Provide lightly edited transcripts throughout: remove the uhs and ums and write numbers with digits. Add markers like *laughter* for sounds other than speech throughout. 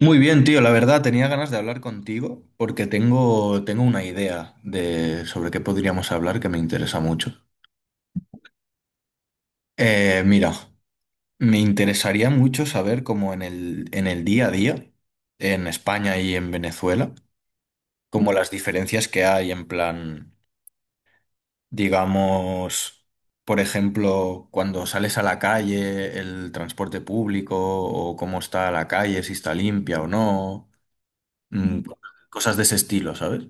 Muy bien, tío, la verdad tenía ganas de hablar contigo porque tengo una idea de sobre qué podríamos hablar que me interesa mucho. Mira, me interesaría mucho saber cómo en el día a día, en España y en Venezuela, como las diferencias que hay en plan, digamos, por ejemplo, cuando sales a la calle, el transporte público o cómo está la calle, si está limpia o no, mm, cosas de ese estilo, ¿sabes?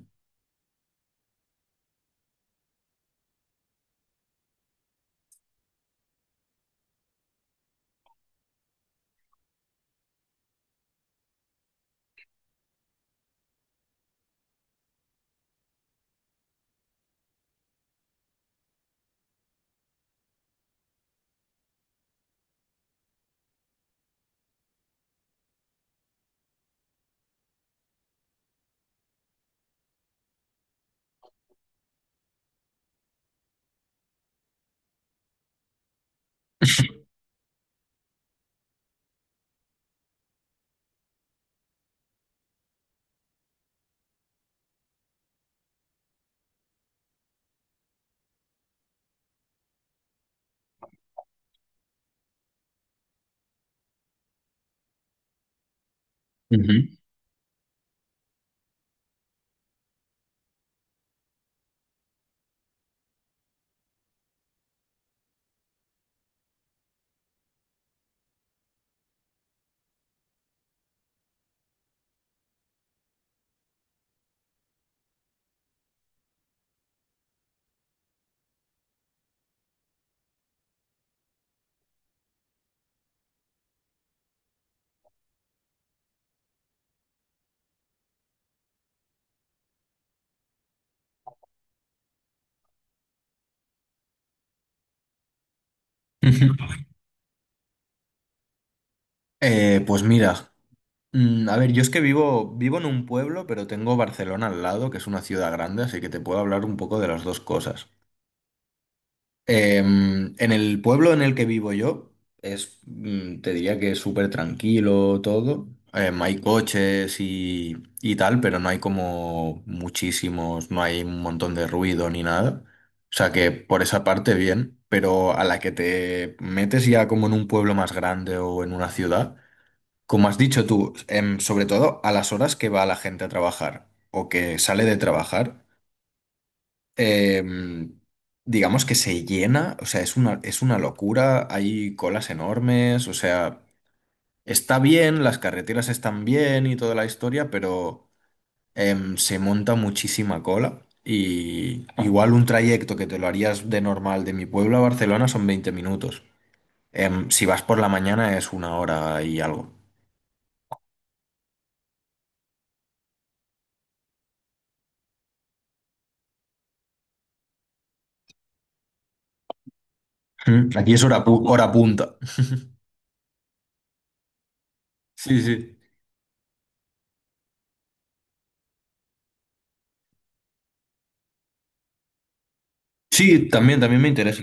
Ujú. Ujú. Pues mira, a ver, yo es que vivo en un pueblo, pero tengo Barcelona al lado, que es una ciudad grande, así que te puedo hablar un poco de las dos cosas. En el pueblo en el que vivo yo, es, te diría que es súper tranquilo todo. Hay coches y tal, pero no hay como muchísimos, no hay un montón de ruido ni nada. O sea que por esa parte bien, pero a la que te metes ya como en un pueblo más grande o en una ciudad. Como has dicho tú, sobre todo a las horas que va la gente a trabajar o que sale de trabajar, em, digamos que se llena, o sea, es una locura, hay colas enormes, o sea, está bien, las carreteras están bien y toda la historia, pero se monta muchísima cola y igual un trayecto que te lo harías de normal de mi pueblo a Barcelona son 20 minutos. Si vas por la mañana es una hora y algo. Aquí es hora punta. Sí, sí. Sí, también, también me interesa.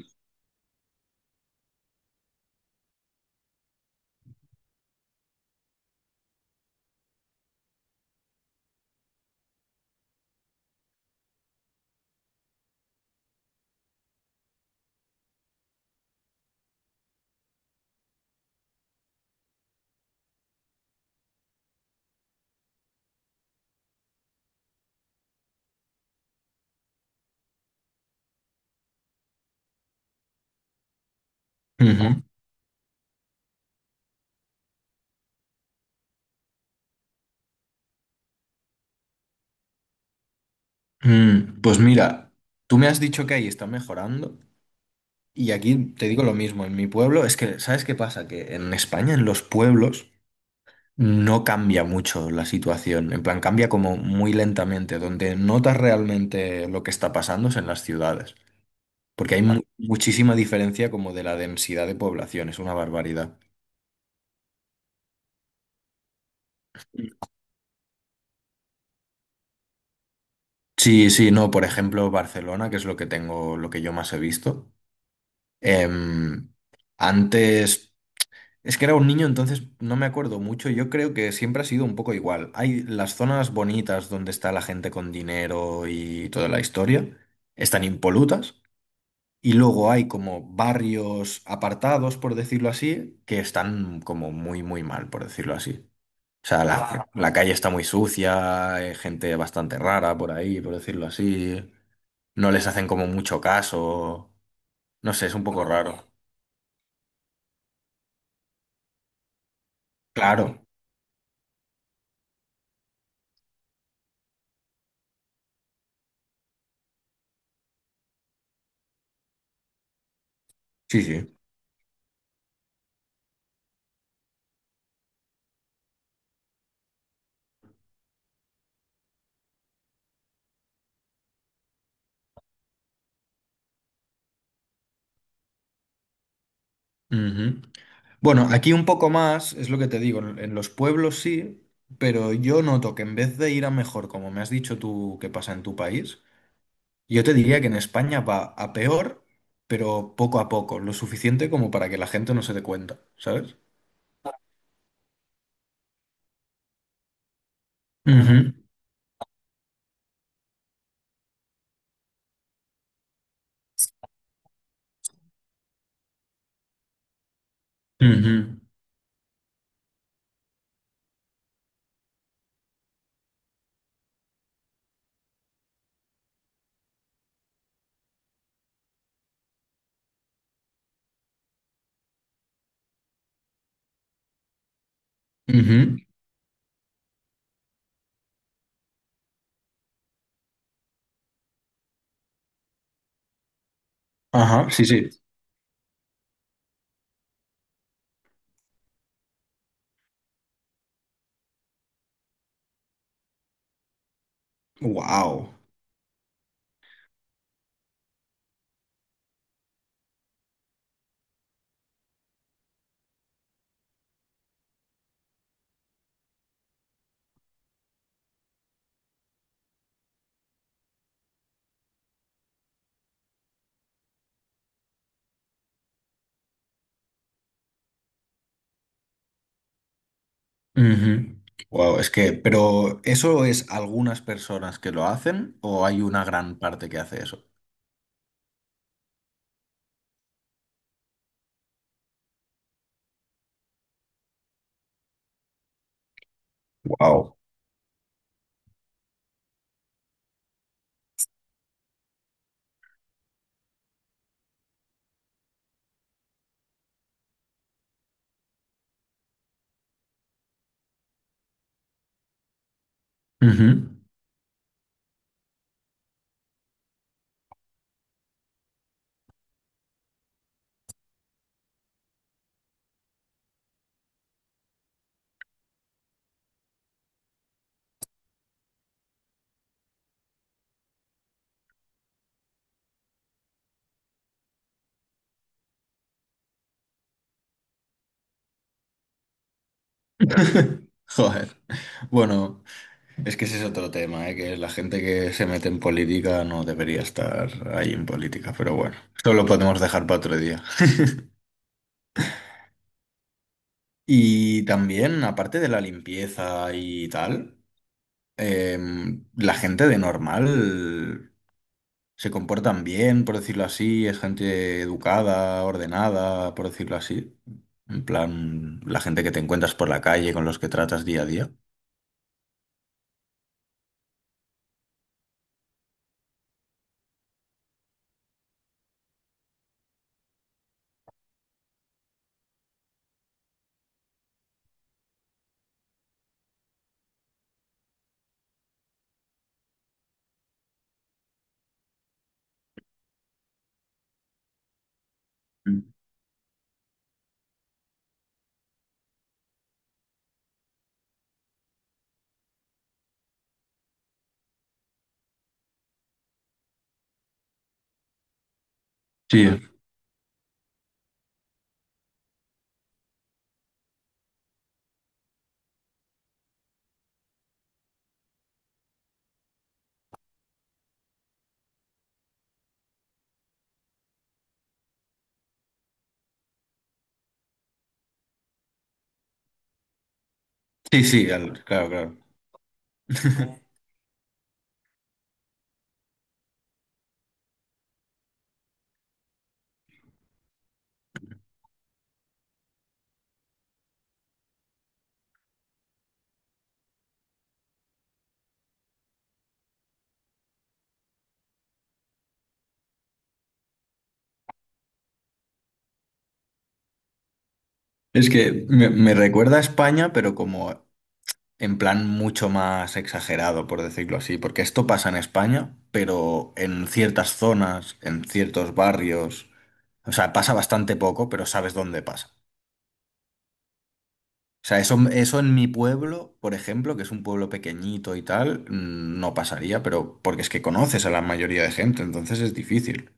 Ujú. Pues mira, tú me has dicho que ahí está mejorando y aquí te digo lo mismo. En mi pueblo, es que, ¿sabes qué pasa? Que en España, en los pueblos, no cambia mucho la situación. En plan, cambia como muy lentamente. Donde notas realmente lo que está pasando es en las ciudades. Porque hay vale, muchísima diferencia como de la densidad de población, es una barbaridad. Sí, sí, no, por ejemplo, Barcelona, que es lo que tengo, lo que yo más he visto. Em, antes, es que era un niño, entonces no me acuerdo mucho. Yo creo que siempre ha sido un poco igual. Hay las zonas bonitas donde está la gente con dinero y toda la historia, están impolutas. Y luego hay como barrios apartados, por decirlo así, que están como muy, muy mal, por decirlo así. O sea, la, claro, la calle está muy sucia, hay gente bastante rara por ahí, por decirlo así. No les hacen como mucho caso. No sé, es un poco raro. Claro, sí, sí. Ujú. Bueno, aquí un poco más, es lo que te digo, en los pueblos sí, pero yo noto que en vez de ir a mejor, como me has dicho tú que pasa en tu país, yo te diría que en España va a peor, pero poco a poco, lo suficiente como para que la gente no se dé cuenta, ¿sabes? Ujú, ujú, ujú. Ajá, sí, sí. Wow. Wow, es que, pero ¿eso es algunas personas que lo hacen o hay una gran parte que hace eso? Wow. *laughs* Joder. Bueno, es que ese es otro tema, ¿eh? Que la gente que se mete en política no debería estar ahí en política, pero bueno, eso lo podemos dejar para otro día. Y también, aparte de la limpieza y tal, la gente de normal se comportan bien, por decirlo así, es gente educada, ordenada, por decirlo así. En plan, la gente que te encuentras por la calle, con los que tratas día a día. Mm. Sí, sí, sí, claro, claro. *laughs* Es que me recuerda a España, pero como en plan mucho más exagerado, por decirlo así, porque esto pasa en España, pero en ciertas zonas, en ciertos barrios, o sea, pasa bastante poco, pero sabes dónde pasa. O sea, eso en mi pueblo, por ejemplo, que es un pueblo pequeñito y tal, no pasaría, pero porque es que conoces a la mayoría de gente, entonces es difícil.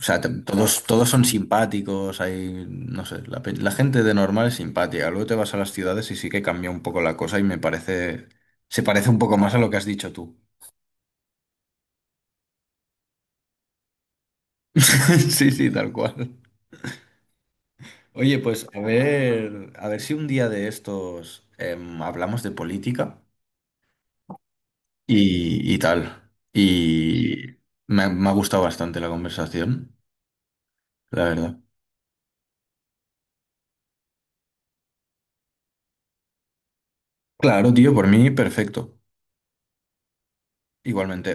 O sea, todos son simpáticos, hay, no sé, la, la gente de normal es simpática. Luego te vas a las ciudades y sí que cambia un poco la cosa y me parece, se parece un poco más a lo que has dicho tú. *laughs* Sí, sí, tal cual. Oye, pues a ver si un día de estos hablamos de política y tal. Y me ha gustado bastante la conversación, la verdad. Claro, tío, por mí perfecto. Igualmente.